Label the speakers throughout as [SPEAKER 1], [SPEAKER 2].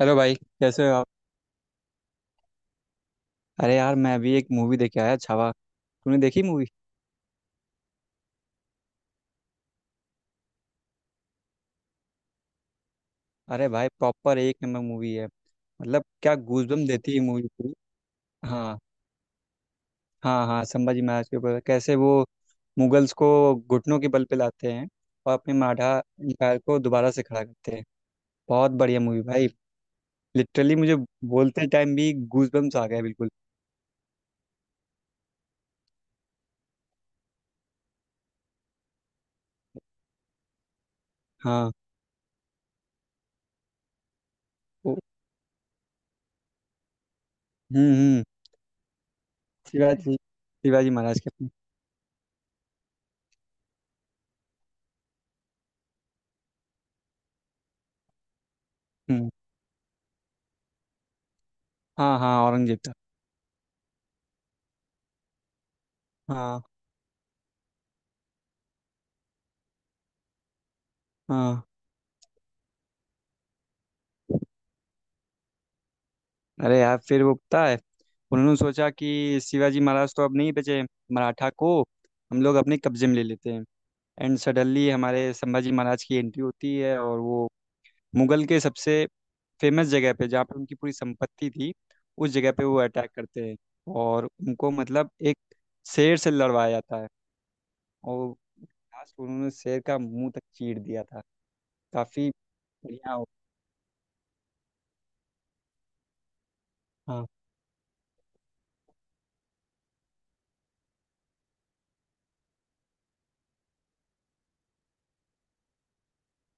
[SPEAKER 1] Hello भाई, कैसे हो आप? अरे यार, मैं अभी एक मूवी देख के आया, छावा। तूने देखी मूवी? अरे भाई, प्रॉपर एक नंबर मूवी है। मतलब क्या गूजबम देती है मूवी पूरी। हाँ। हाँ हाँ, संभाजी महाराज के ऊपर। कैसे वो मुगल्स को घुटनों के बल पे लाते हैं, और अपने मराठा एम्पायर को दोबारा से खड़ा करते हैं। बहुत बढ़िया मूवी भाई। लिटरली मुझे बोलते टाइम भी गूजबम्स आ गए बिल्कुल। हाँ। वो- हम्म। शिवाजी शिवाजी महाराज के अपने। हम्म। हाँ हाँ, औरंगजेब था। हाँ हाँ। अरे यार, फिर वो पता है? उन्होंने सोचा कि शिवाजी महाराज तो अब नहीं बचे, मराठा को हम लोग अपने कब्जे में ले लेते हैं। एंड सडनली हमारे संभाजी महाराज की एंट्री होती है, और वो मुगल के सबसे फेमस जगह पे, जहाँ पे उनकी पूरी संपत्ति थी, उस जगह पे वो अटैक करते हैं। और उनको, मतलब, एक शेर से लड़वाया जाता है। और लास्ट उन्होंने शेर का मुंह तक चीर दिया था। काफी बढ़िया हो। हाँ।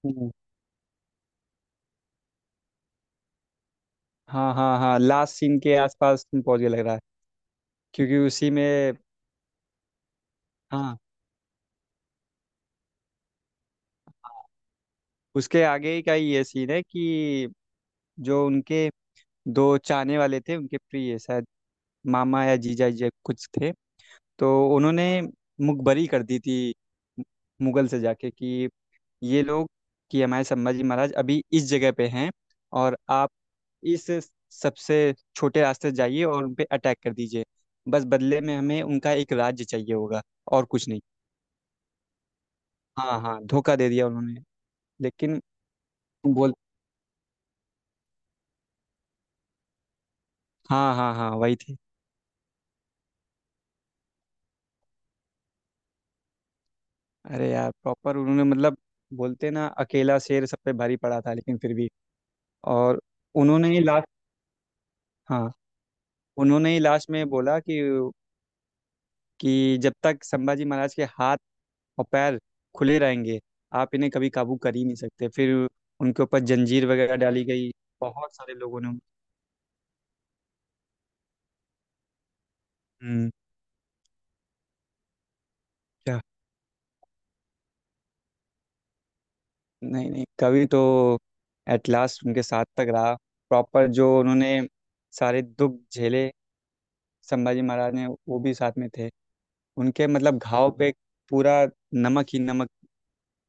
[SPEAKER 1] हम्म। हाँ हाँ हाँ, लास्ट सीन के आसपास तुम पहुंच गए लग रहा है। क्योंकि उसी में, हाँ, उसके आगे ही का ही ये सीन है कि जो उनके दो चाहने वाले थे, उनके प्रिय, शायद मामा या जीजा जी कुछ थे। तो उन्होंने मुखबरी कर दी थी मुगल से जाके कि ये लोग, कि हमारे संभाजी महाराज अभी इस जगह पे हैं, और आप इस सबसे छोटे रास्ते से जाइए और उन पे अटैक कर दीजिए। बस बदले में हमें उनका एक राज्य चाहिए होगा, और कुछ नहीं। हाँ हाँ, धोखा दे दिया उन्होंने, लेकिन। बोल। हाँ हाँ हाँ, वही थी। अरे यार, प्रॉपर उन्होंने, मतलब, बोलते ना, अकेला शेर सब पे भारी पड़ा था, लेकिन फिर भी। और उन्होंने ही लास्ट। हाँ, उन्होंने ही लास्ट में बोला कि जब तक संभाजी महाराज के हाथ और पैर खुले रहेंगे, आप इन्हें कभी काबू कर ही नहीं सकते फिर। उनके ऊपर जंजीर वगैरह डाली गई। बहुत सारे लोगों ने। हम्म। क्या? नहीं नहीं, कवि तो एट लास्ट उनके साथ तक रहा। प्रॉपर जो उन्होंने सारे दुख झेले संभाजी महाराज ने, वो भी साथ में थे। उनके, मतलब, घाव पे पूरा नमक ही नमक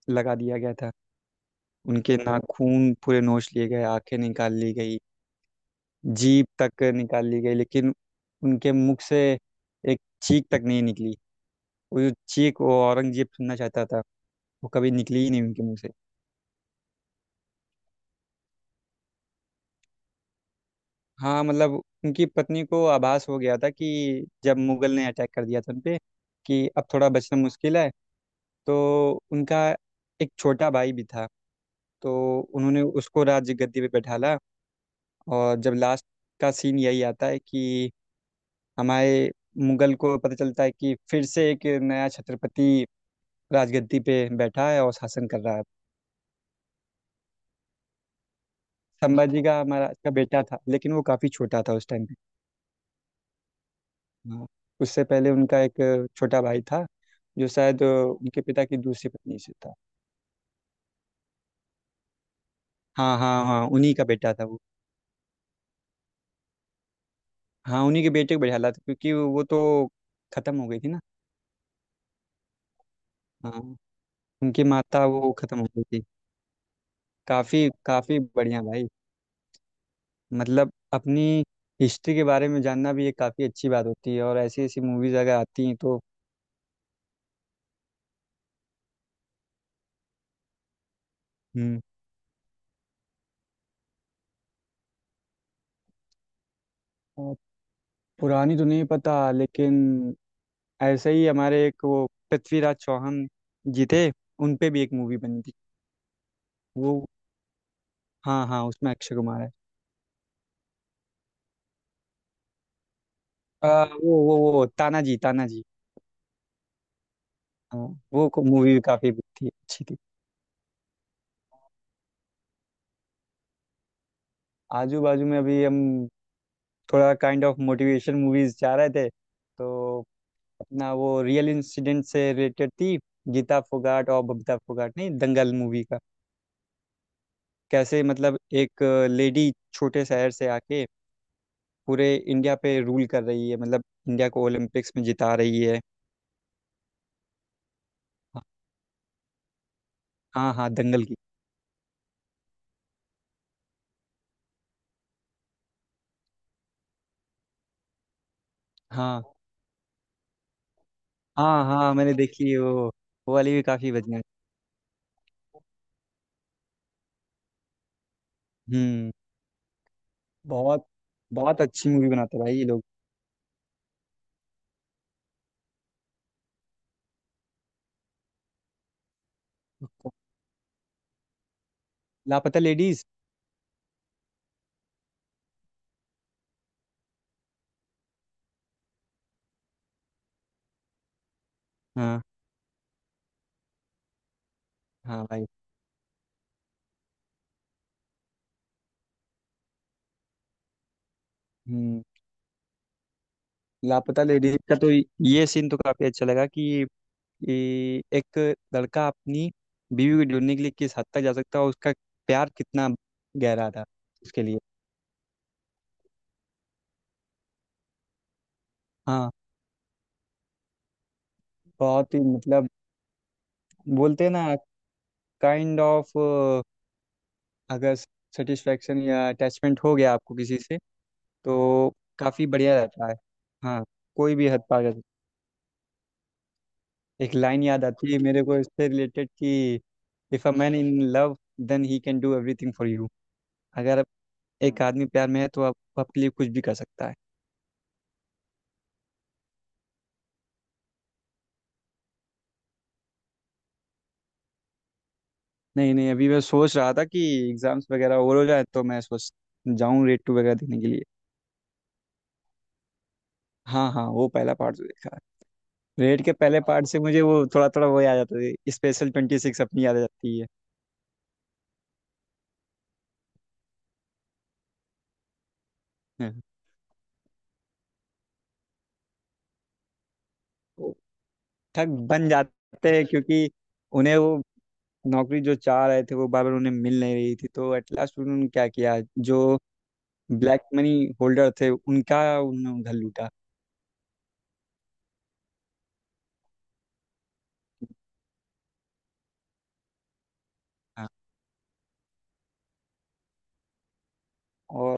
[SPEAKER 1] लगा दिया गया था। उनके नाखून पूरे नोच लिए गए, आंखें निकाल ली गई, जीभ तक निकाल ली गई, लेकिन उनके मुख से एक चीख तक नहीं निकली। वो जो चीख वो औरंगजेब सुनना चाहता था, वो कभी निकली ही नहीं उनके मुंह से। हाँ, मतलब, उनकी पत्नी को आभास हो गया था कि जब मुगल ने अटैक कर दिया था उन पे कि अब थोड़ा बचना मुश्किल है। तो उनका एक छोटा भाई भी था, तो उन्होंने उसको राज्य गद्दी पे बैठाला। और जब लास्ट का सीन यही आता है कि हमारे मुगल को पता चलता है कि फिर से एक नया छत्रपति राजगद्दी पे बैठा है और शासन कर रहा है। संभाजी का हमारा का बेटा था लेकिन वो काफ़ी छोटा था उस टाइम पे। हाँ। उससे पहले उनका एक छोटा भाई था, जो शायद उनके पिता की दूसरी पत्नी से था। हाँ हाँ हाँ, उन्हीं का बेटा था वो। हाँ, उन्हीं के बेटे को बैठाला था क्योंकि वो तो खत्म हो गई थी ना। हाँ, उनकी माता, वो खत्म हो गई थी। काफ़ी काफ़ी बढ़िया भाई। मतलब अपनी हिस्ट्री के बारे में जानना भी एक काफ़ी अच्छी बात होती है, और ऐसी ऐसी मूवीज़ अगर आती हैं तो। हम्म। अ, पुरानी तो नहीं पता, लेकिन ऐसे ही हमारे एक, वो, पृथ्वीराज चौहान जी थे, उन पे भी एक मूवी बनी थी। वो, हाँ हाँ, उसमें अक्षय कुमार है। अ, वो तानाजी तानाजी। हाँ। वो को मूवी काफ़ी थी, अच्छी थी। आजू बाजू में अभी हम थोड़ा काइंड ऑफ मोटिवेशन मूवीज जा रहे थे, तो अपना, वो, रियल इंसिडेंट से रिलेटेड थी। गीता फोगाट और बबीता फोगाट, नहीं दंगल मूवी का। कैसे, मतलब, एक लेडी छोटे शहर से आके पूरे इंडिया पे रूल कर रही है, मतलब इंडिया को ओलंपिक्स में जिता रही है। हाँ हाँ, दंगल की। हाँ हाँ हाँ, मैंने देखी है वो। वो वाली भी काफी बढ़िया है। हम्म। बहुत बहुत अच्छी मूवी बनाते हैं भाई ये लोग। लापता लेडीज। हाँ हाँ भाई। हम्म। लापता लेडीज का तो ये सीन तो काफी अच्छा लगा कि ये एक लड़का अपनी बीवी को ढूंढने के लिए किस हद तक जा सकता है, और उसका प्यार कितना गहरा था उसके लिए। हाँ, बहुत ही, मतलब, बोलते हैं ना, काइंड ऑफ, अगर सेटिस्फेक्शन या अटैचमेंट हो गया आपको किसी से, तो काफ़ी बढ़िया रहता है। हाँ, कोई भी हद पार कर सकता। एक लाइन याद आती है मेरे को इससे रिलेटेड कि, if a man in love, then he can do everything for you. अगर एक आदमी प्यार में है तो आप आपके लिए कुछ भी कर सकता है। नहीं नहीं, अभी मैं सोच रहा था कि एग्जाम्स वगैरह ओवर हो जाए तो मैं सोच जाऊं रेड टू वगैरह देखने के लिए। हाँ हाँ, वो पहला पार्ट तो देखा है। रेड के पहले पार्ट से मुझे, वो, थोड़ा थोड़ा वो याद आता है, स्पेशल 26 अपनी याद आ जाती है। हाँ। वो ठग बन जाते हैं क्योंकि उन्हें वो नौकरी जो चाह रहे थे वो बार बार उन्हें मिल नहीं रही थी, तो एट लास्ट उन्होंने क्या किया? जो ब्लैक मनी होल्डर थे, उनका उन्होंने उधर लूटा। हाँ। और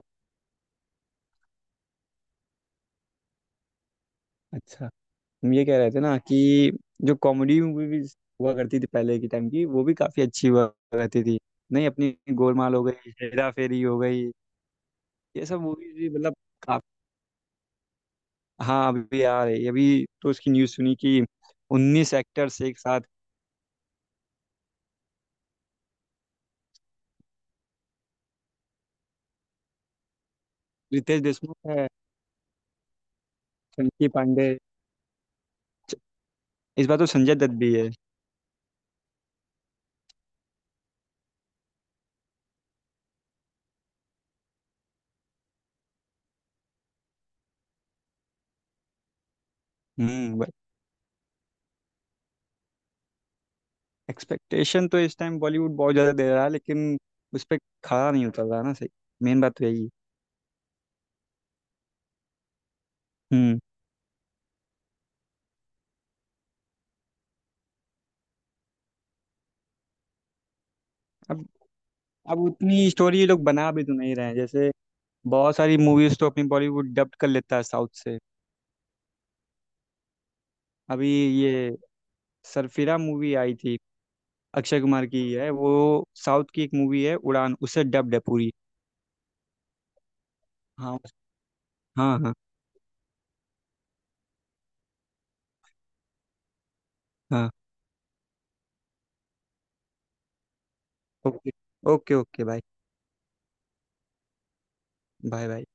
[SPEAKER 1] अच्छा, हम ये कह रहे थे ना कि जो कॉमेडी मूवी भी हुआ करती थी पहले के टाइम की, वो भी काफी अच्छी हुआ करती थी। नहीं, अपनी गोलमाल हो गई, हेरा फेरी हो गई। ये सब मूवीज भी, मतलब, काफी। हाँ, अभी आ रही, अभी तो उसकी न्यूज़ सुनी कि 19 एक्टर्स एक साथ। रितेश देशमुख है। चंकी पांडे। इस बार तो संजय दत्त भी है। हम्म। एक्सपेक्टेशन तो इस टाइम बॉलीवुड बहुत ज्यादा दे रहा है, लेकिन उस पर खड़ा नहीं उतर रहा ना सही। मेन बात तो यही है। हम्म। अब अब उतनी स्टोरी ये लोग बना भी तो नहीं रहे हैं, जैसे बहुत सारी मूवीज तो अपनी बॉलीवुड डब्ड कर लेता है साउथ से। अभी ये सरफिरा मूवी आई थी, अक्षय कुमार की ही है, वो साउथ की एक मूवी है, उड़ान, उससे डब्ड है पूरी। हाँ हाँ हाँ हाँ, okay okay okay, bye bye bye.